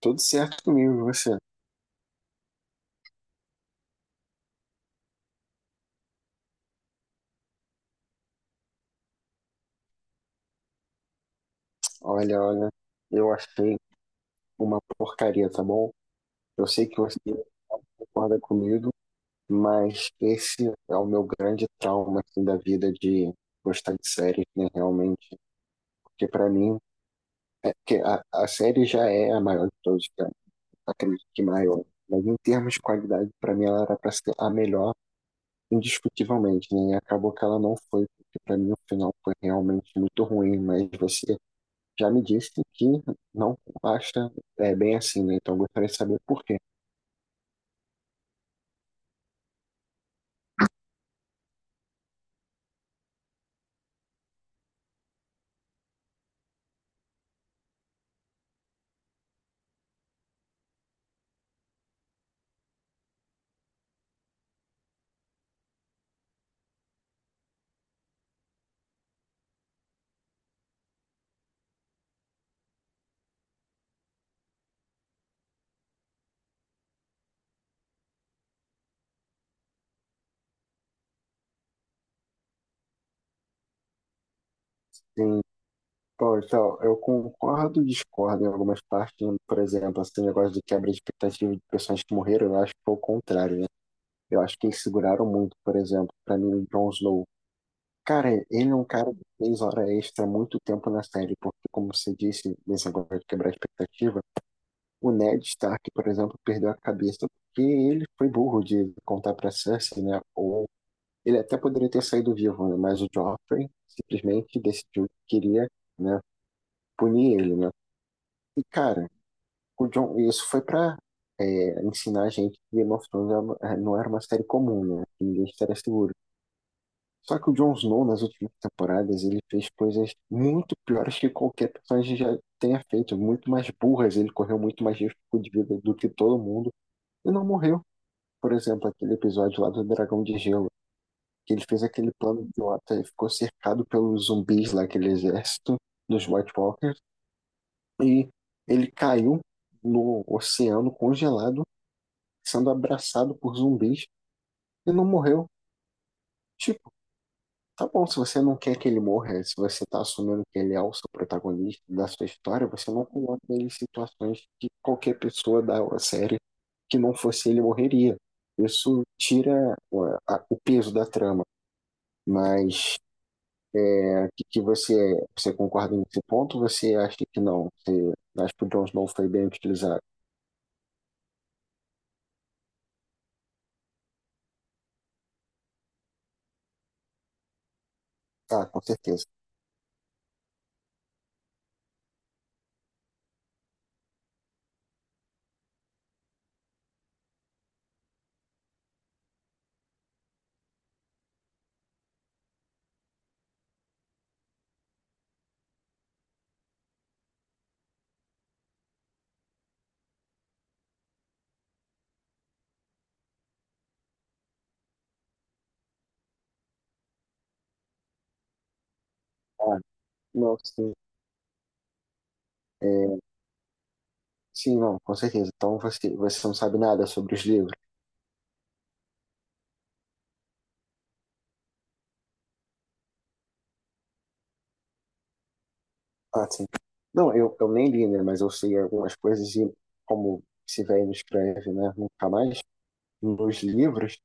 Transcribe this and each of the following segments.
Tudo certo comigo, e você? Olha, eu achei uma porcaria, tá bom? Eu sei que você concorda comigo, mas esse é o meu grande trauma assim, da vida de gostar de séries, né? Realmente, porque pra mim, é, porque a série já é a maior de todos os tempos, acredito que maior. Mas em termos de qualidade, pra mim ela era pra ser a melhor, indiscutivelmente, né? E acabou que ela não foi, porque pra mim o final foi realmente muito ruim, mas você já me disse que não acha é, bem assim, né? Então, eu gostaria de saber por quê. Sim, pô, então, eu concordo e discordo em algumas partes, né? Por exemplo, esse negócio de quebra de expectativa de pessoas que morreram, eu acho que foi o contrário, né? Eu acho que eles seguraram muito, por exemplo, pra mim, o Jon Snow. Cara, ele é um cara que fez hora extra há muito tempo na série, porque, como você disse, nesse negócio de quebrar a expectativa, o Ned Stark, por exemplo, perdeu a cabeça porque ele foi burro de contar pra Cersei, né? Ou ele até poderia ter saído vivo, né? Mas o Joffrey simplesmente decidiu que queria, né, punir ele, né? E, cara, o Jon, isso foi pra é, ensinar a gente que Game of Thrones é é, não era uma série comum, né? Que ninguém estaria seguro. Só que o Jon Snow, nas últimas temporadas, ele fez coisas muito piores que qualquer personagem já tenha feito, muito mais burras. Ele correu muito mais risco de vida do que todo mundo e não morreu. Por exemplo, aquele episódio lá do Dragão de Gelo, que ele fez aquele plano idiota, ele ficou cercado pelos zumbis lá, aquele exército dos White Walkers, e ele caiu no oceano congelado, sendo abraçado por zumbis e não morreu. Tipo, tá bom, se você não quer que ele morra, se você tá assumindo que ele é o seu protagonista da sua história, você não coloca ele em situações que qualquer pessoa da série que não fosse ele morreria. Isso tira ué, o peso da trama, mas que você, você concorda nesse ponto? Ou você acha que não? Você acha que o Jon Snow foi bem utilizado? Ah, com certeza. Ah, não, sim. É, sim, não, com certeza. Então você, você não sabe nada sobre os livros. Ah, sim. Não, eu nem li, né? Mas eu sei algumas coisas e como esse velho não escreve, né? Nunca mais. Nos livros,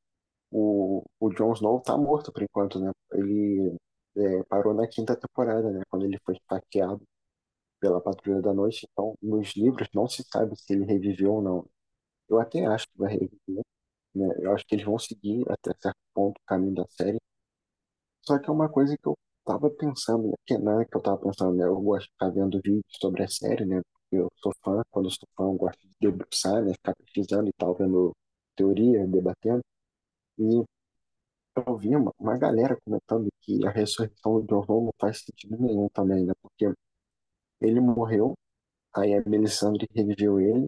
o Jon Snow tá morto por enquanto, né? Ele é, parou na quinta temporada, né? Quando ele foi esfaqueado pela Patrulha da Noite, então nos livros não se sabe se ele reviveu ou não. Eu até acho que vai reviver, né? Eu acho que eles vão seguir até certo ponto o caminho da série. Só que é uma coisa que eu tava pensando, né? Que não é que eu tava pensando, né? Eu gosto de ficar vendo vídeos sobre a série, né? Eu sou fã, quando eu sou fã, eu gosto de debruçar, né? Ficar pesquisando e tal, vendo teoria, debatendo. E eu vi uma galera comentando que a ressurreição do John Holmes não faz sentido nenhum também, né? Porque ele morreu, aí a Melisandre reviveu ele,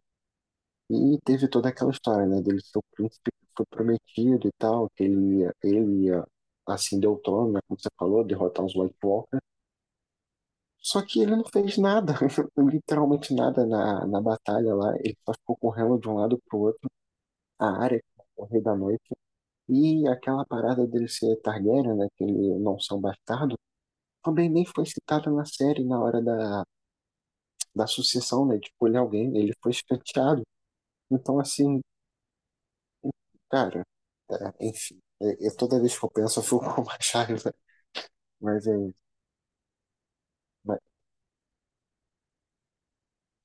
e teve toda aquela história, né, dele ser o príncipe que foi prometido e tal, que ele ia ascender o trono, né, como você falou, derrotar os White Walker. Só que ele não fez nada, literalmente nada na batalha lá. Ele só ficou correndo de um lado pro outro, a área o Rei da Noite. E aquela parada dele ser Targaryen, né, que ele não ser um bastardo, também nem foi citada na série na hora da sucessão, né, de escolher alguém. Ele foi escanteado. Então, assim, cara, tá, enfim. Toda vez que eu penso, eu fico com mais raiva. Mas é isso. Mas,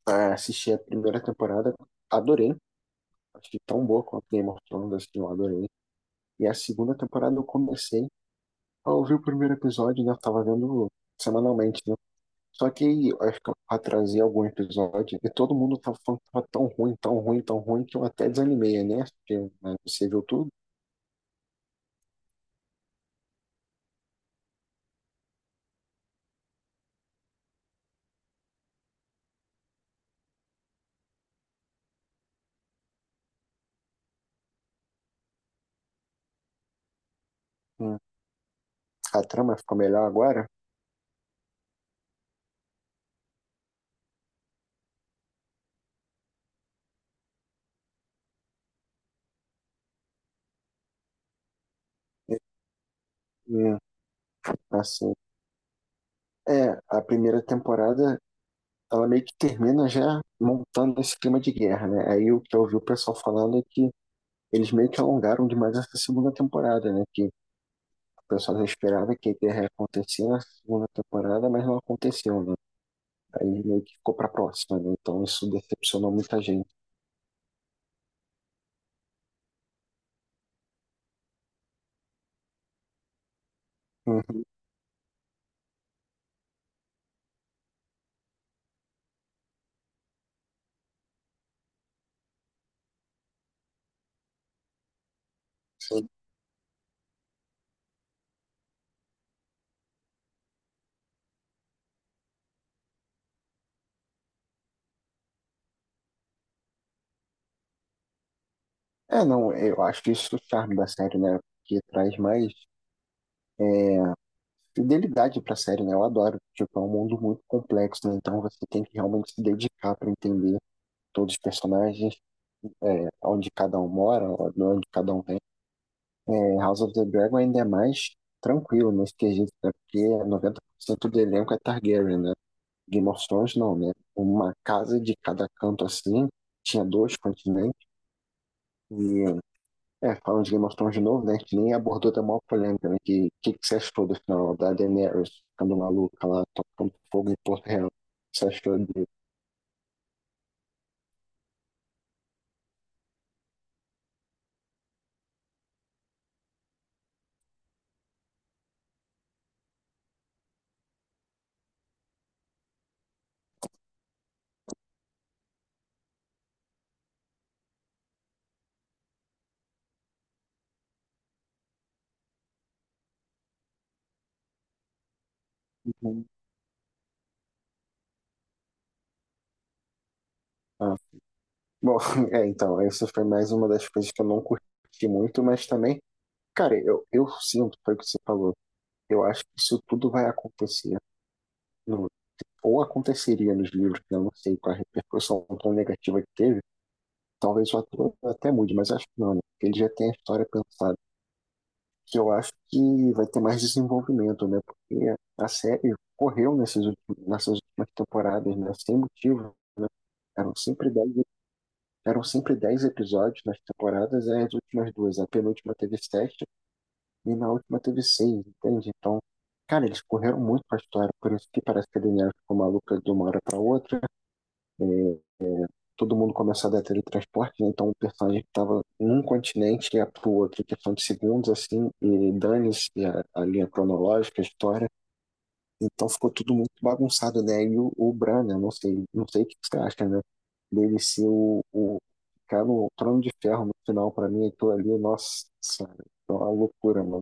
ah, assisti a primeira temporada, adorei. Achei tão boa quanto Game of Thrones, assim, eu adorei. E a segunda temporada eu comecei a ouvir o primeiro episódio, né? Eu tava vendo semanalmente, né? Só que aí, eu acho que eu atrasei algum episódio e todo mundo tava falando que tava tão ruim, tão ruim, tão ruim, que eu até desanimei, né? Porque, né, você viu tudo. Hum, A trama ficou melhor agora. Hum, assim, é, a primeira temporada ela meio que termina já montando esse clima de guerra, né? Aí o que eu ouvi o pessoal falando é que eles meio que alongaram demais essa segunda temporada, né? Que o pessoal já esperava que a guerra ia acontecer na segunda temporada, mas não aconteceu, né? Aí meio que ficou pra próxima, né? Então isso decepcionou muita gente. Uhum, sim. É, não, eu acho que isso é o charme da série, né? Que traz mais é, fidelidade pra série, né? Eu adoro. Tipo, é um mundo muito complexo, né? Então você tem que realmente se dedicar pra entender todos os personagens é, onde cada um mora, onde cada um tem. É, House of the Dragon ainda é mais tranquilo nesse quesito, né? Porque 90% do elenco é Targaryen, né? Game of Thrones não, né? Uma casa de cada canto assim, tinha dois continentes. E, é, falando de Game of Thrones de novo, né? A gente nem abordou da maior polêmica, né? Que que você achou do final da Daenerys ficando maluca lá, tocando fogo em Porto Real? Você achou de... Uhum. Ah. Bom, é, então, essa foi mais uma das coisas que eu não curti muito, mas também cara, eu sinto, foi o que você falou. Eu acho que isso tudo vai acontecer, no- ou aconteceria nos livros, né? Eu não sei qual a repercussão tão negativa que teve. Talvez o ator até mude, mas acho que não, né? Porque ele já tem a história pensada. Que eu acho que vai ter mais desenvolvimento, né? Porque a série correu nesses nessas últimas temporadas, né? Sem motivo. Eram sempre dez eram sempre 10 episódios nas temporadas, aí as últimas duas. A penúltima teve sete e na última teve seis, entende? Então, cara, eles correram muito com a história, por isso que parece que a Daenerys ficou maluca de uma hora pra outra, todo mundo começa a dar teletransporte, né? Então o personagem que tava num continente ia pro outro, em questão de segundos, assim, e dane-se a linha cronológica, a história, então ficou tudo muito bagunçado, né? E o Bran, né? Não sei, não sei o que você acha, né? Dele ser o ficar no trono de ferro no final, pra mim, aquilo ali, nossa, é uma loucura, mano.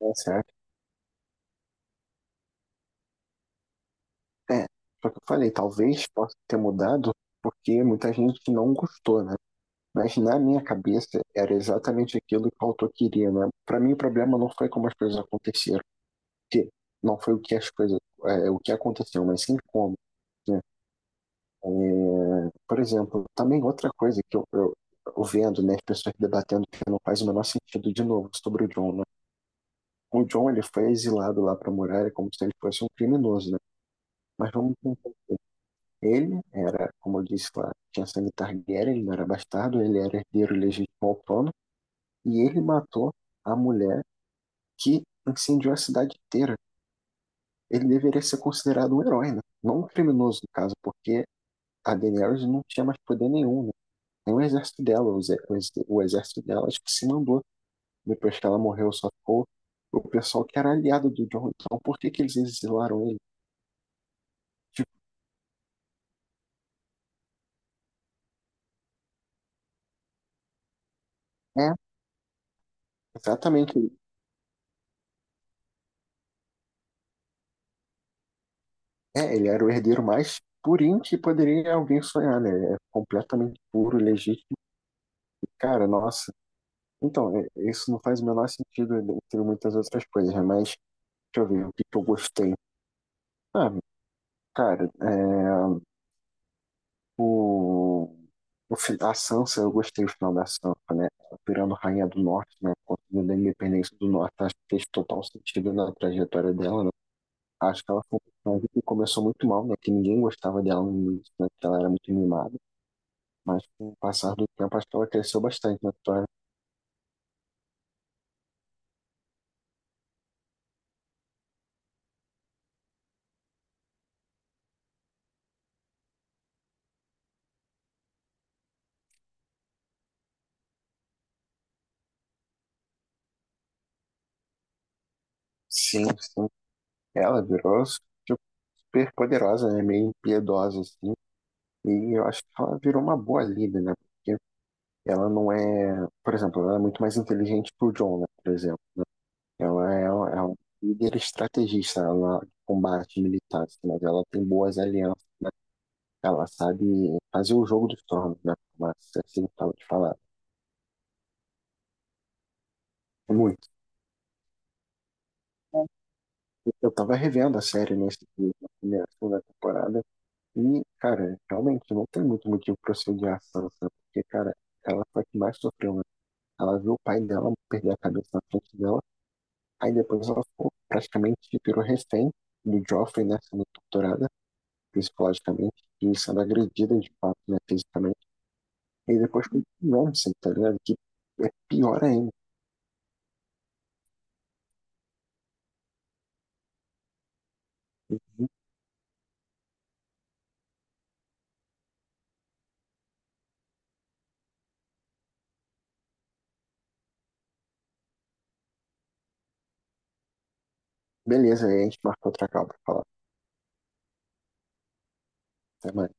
O que você acha? É, só que eu falei, talvez possa ter mudado porque muita gente não gostou, né? Mas na minha cabeça era exatamente aquilo que o autor queria, né? Para mim o problema não foi como as coisas aconteceram, porque não foi o que as coisas, é, o que aconteceu, mas sim como. Né? É, por exemplo, também outra coisa que eu vendo, né, as pessoas debatendo que não faz o menor sentido de novo sobre o John, né? O John ele foi exilado lá para Muralha como se ele fosse um criminoso, né? Mas vamos ele era, como eu disse lá, tinha sangue Targaryen, ele não era bastardo, ele era herdeiro legítimo ao trono, e ele matou a mulher que incendiou a cidade inteira. Ele deveria ser considerado um herói, né? Não um criminoso, no caso, porque a Daenerys não tinha mais poder nenhum, né? Nem o exército dela, o exército dela acho que se mandou. Depois que ela morreu, só ficou o pessoal que era aliado do Jon. Então, por que que eles exilaram ele? Tipo, é, exatamente, é, ele era o herdeiro mais purinho que poderia alguém sonhar, né? É completamente puro, legítimo. Cara, nossa. Então, isso não faz o menor sentido entre muitas outras coisas, né? Mas deixa eu ver o que que eu gostei. Ah, cara, é, o, a Sansa, eu gostei do final da Sansa, né? Virando Rainha do Norte, né? Conseguindo a independência do Norte, acho que fez total sentido na trajetória dela, né? Acho que ela foi uma personagem que começou muito mal, né? Que ninguém gostava dela no início, né? Que ela era muito mimada. Mas com o passar do tempo, acho que ela cresceu bastante na história. Sim, sim. Ela virou tipo, super poderosa, né? Meio impiedosa, assim. E eu acho que ela virou uma boa líder, né? Porque ela não é. Por exemplo, ela é muito mais inteligente que o John, né? Por exemplo. Ela é, é uma líder estrategista ela combate militar, assim, mas ela tem boas alianças, né? Ela sabe fazer o jogo dos tronos, né? Mas assim, eu tava te falando. Muito. Eu tava revendo a série nesse, na primeira, segunda temporada. E, cara, realmente não tem muito motivo pra se odiar a Sansa, porque, cara, ela foi a que mais sofreu, né? Ela viu o pai dela perder a cabeça na frente dela, aí depois ela ficou praticamente virou refém do Joffrey, né? Sendo torturada psicologicamente e sendo agredida de fato, né? Fisicamente. E depois com o Ramsay, tá ligado? Que é pior ainda. Beleza, aí a gente marcou outra call pra falar. Até mais.